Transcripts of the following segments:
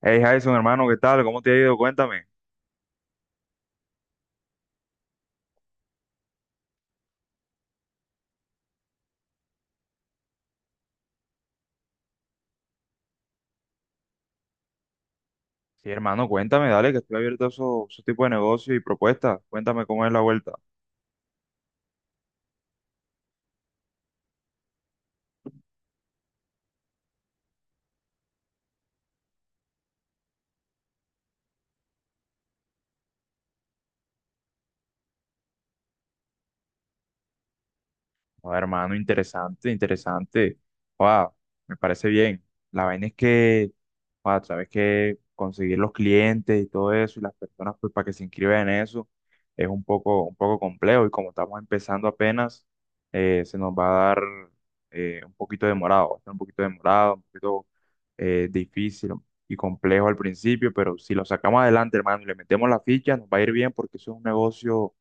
Hey Jason, hermano, ¿qué tal? ¿Cómo te ha ido? Cuéntame. Sí, hermano, cuéntame, dale, que estoy abierto a esos tipos de negocios y propuestas. Cuéntame cómo es la vuelta. Oh, hermano, interesante, interesante. Wow, me parece bien. La vaina es que, wow, sabes que conseguir los clientes y todo eso y las personas pues para que se inscriban en eso es un poco complejo y como estamos empezando apenas, se nos va a dar un poquito demorado, va a estar un poquito demorado, un poquito difícil y complejo al principio, pero si lo sacamos adelante, hermano, y le metemos la ficha, nos va a ir bien porque eso es un negocio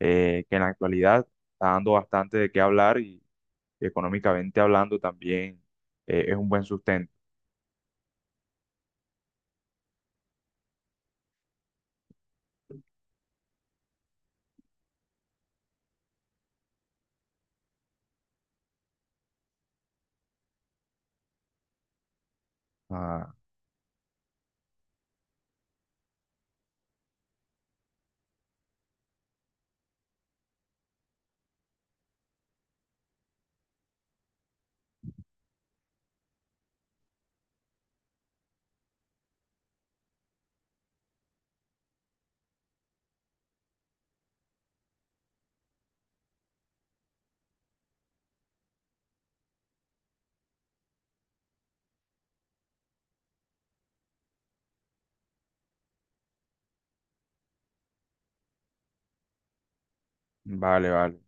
que en la actualidad está dando bastante de qué hablar y económicamente hablando también es un buen sustento. Ah, vale, vale.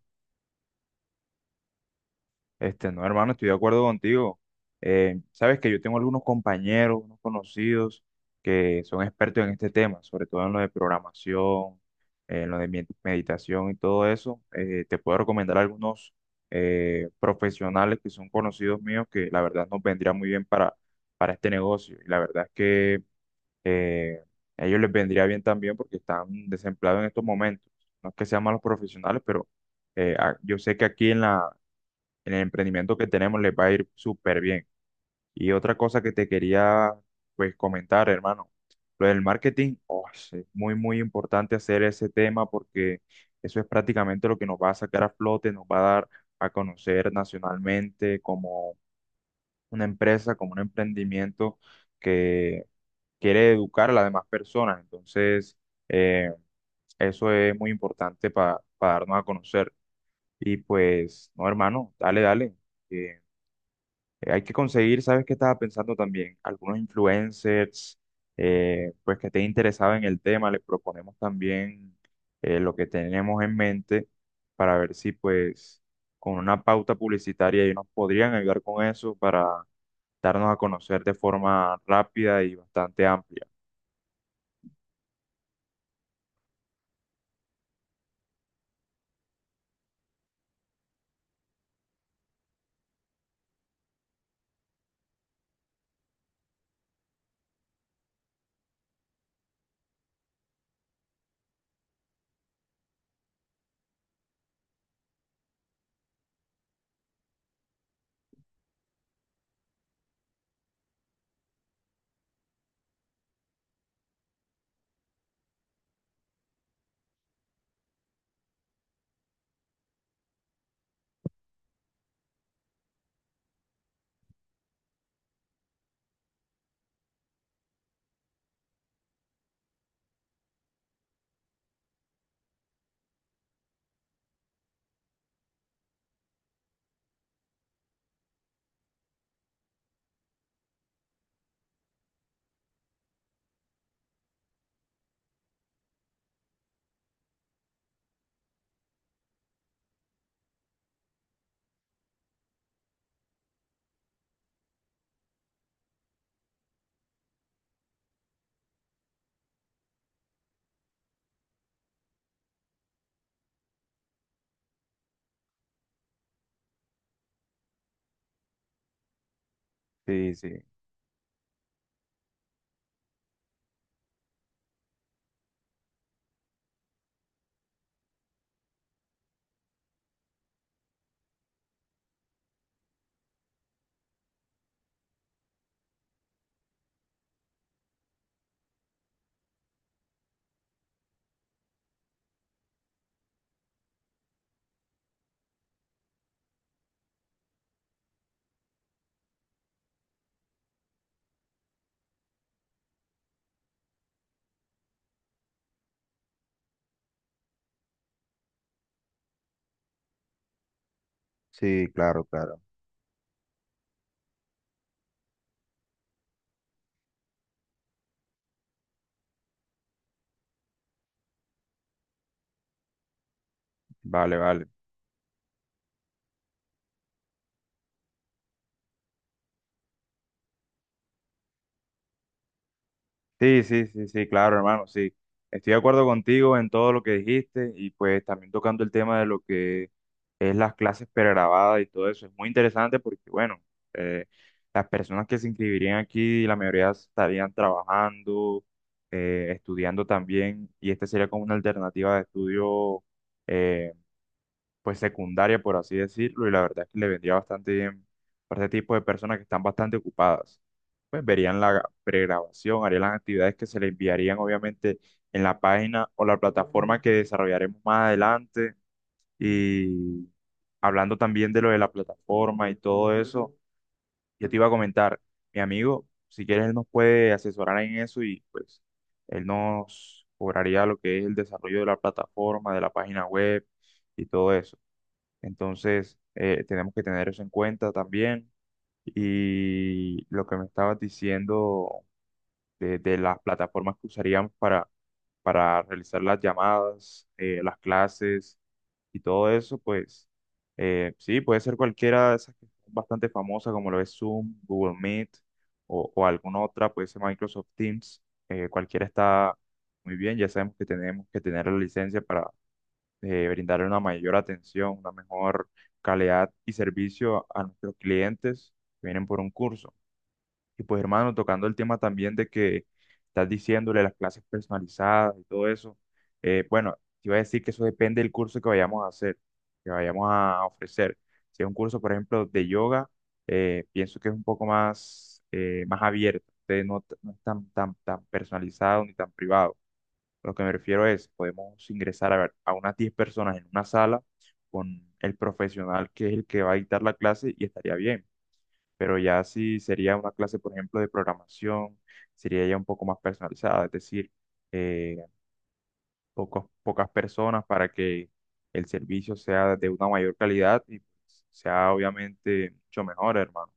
No, hermano, estoy de acuerdo contigo. Sabes que yo tengo algunos compañeros, unos conocidos que son expertos en este tema, sobre todo en lo de programación, en lo de meditación y todo eso. Te puedo recomendar algunos profesionales que son conocidos míos que la verdad nos vendría muy bien para este negocio. Y la verdad es que eh, a ellos les vendría bien también porque están desempleados en estos momentos. No es que sean malos profesionales, pero yo sé que aquí en en el emprendimiento que tenemos les va a ir súper bien. Y otra cosa que te quería pues comentar, hermano, lo del marketing, oh, es muy, muy importante hacer ese tema porque eso es prácticamente lo que nos va a sacar a flote, nos va a dar a conocer nacionalmente como una empresa, como un emprendimiento que quiere educar a las demás personas. Entonces, eh, eso es muy importante para darnos a conocer. Y pues, no, hermano, dale, dale. Que, hay que conseguir, ¿sabes qué estaba pensando también? Algunos influencers, pues que estén interesados en el tema, les proponemos también lo que tenemos en mente para ver si pues con una pauta publicitaria ellos nos podrían ayudar con eso para darnos a conocer de forma rápida y bastante amplia. Sí, sí. Sí, claro, claro. Vale, vale. Sí, sí, sí, sí, claro, hermano, sí. Estoy de acuerdo contigo en todo lo que dijiste y pues también tocando el tema de lo que es las clases pregrabadas y todo eso. Es muy interesante porque, bueno, eh, las personas que se inscribirían aquí, la mayoría estarían trabajando, estudiando también y esta sería como una alternativa de estudio eh, pues secundaria, por así decirlo, y la verdad es que le vendría bastante bien para este tipo de personas que están bastante ocupadas. Pues verían la pregrabación, harían las actividades que se le enviarían obviamente en la página o la plataforma que desarrollaremos más adelante. Y hablando también de lo de la plataforma y todo eso, yo te iba a comentar, mi amigo, si quieres, él nos puede asesorar en eso y pues él nos cobraría lo que es el desarrollo de la plataforma, de la página web y todo eso. Entonces, tenemos que tener eso en cuenta también. Y lo que me estabas diciendo de las plataformas que usaríamos para realizar las llamadas, las clases y todo eso, pues sí, puede ser cualquiera de esas que son bastante famosas, como lo es Zoom, Google Meet o alguna otra, puede ser Microsoft Teams. Cualquiera está muy bien, ya sabemos que tenemos que tener la licencia, brindar una mayor atención, una mejor calidad y servicio a nuestros clientes que vienen por un curso. Y pues hermano, tocando el tema también de que estás diciéndole las clases personalizadas y todo eso, bueno, te iba a decir que eso depende del curso que vayamos a hacer, que vayamos a ofrecer. Si es un curso, por ejemplo, de yoga, pienso que es un poco más, más abierto, entonces no, no es tan, tan, tan personalizado ni tan privado. Lo que me refiero es, podemos ingresar a, ver, a unas 10 personas en una sala con el profesional que es el que va a dictar la clase y estaría bien. Pero ya si sería una clase, por ejemplo, de programación, sería ya un poco más personalizada, es decir, eh, pocas personas para que el servicio sea de una mayor calidad y sea obviamente mucho mejor, hermano.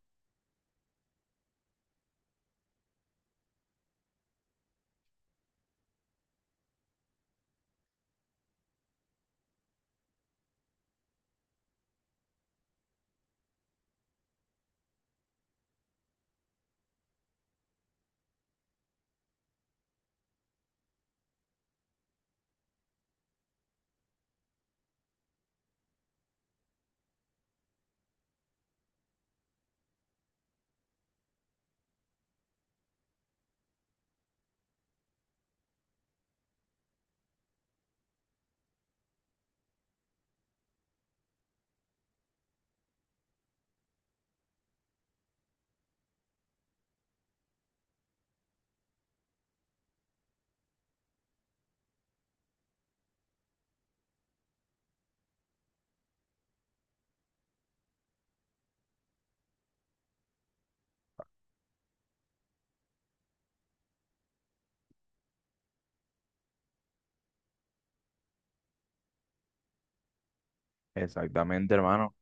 Exactamente, hermano.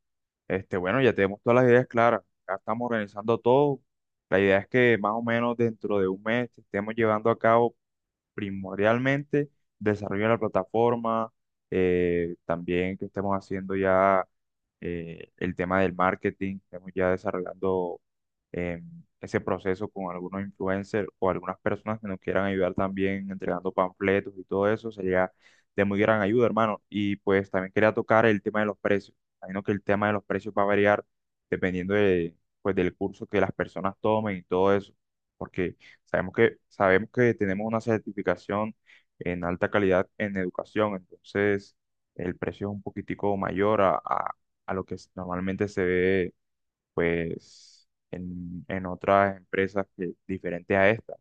Este, bueno, ya tenemos todas las ideas claras. Ya estamos organizando todo. La idea es que más o menos dentro de un mes estemos llevando a cabo primordialmente desarrollo de la plataforma, también que estemos haciendo ya el tema del marketing, estemos ya desarrollando eh, ese proceso con algunos influencers o algunas personas que nos quieran ayudar también entregando panfletos y todo eso, sería de muy gran ayuda, hermano. Y pues también quería tocar el tema de los precios. Imagino que el tema de los precios va a variar dependiendo de, pues, del curso que las personas tomen y todo eso, porque sabemos que, sabemos que tenemos una certificación en alta calidad en educación, entonces el precio es un poquitico mayor a lo que normalmente se ve pues en otras empresas que, diferentes a estas.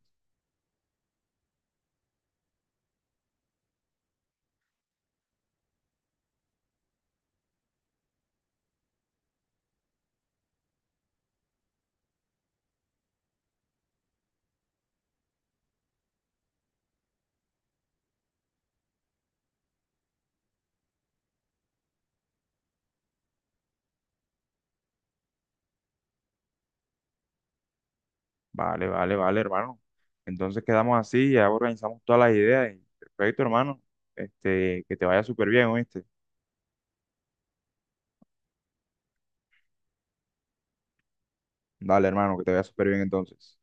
Vale, vale, vale, hermano. Entonces quedamos así, ya organizamos todas las ideas y perfecto, hermano. Este, que te vaya súper bien, ¿oíste? Dale, hermano, que te vaya súper bien entonces.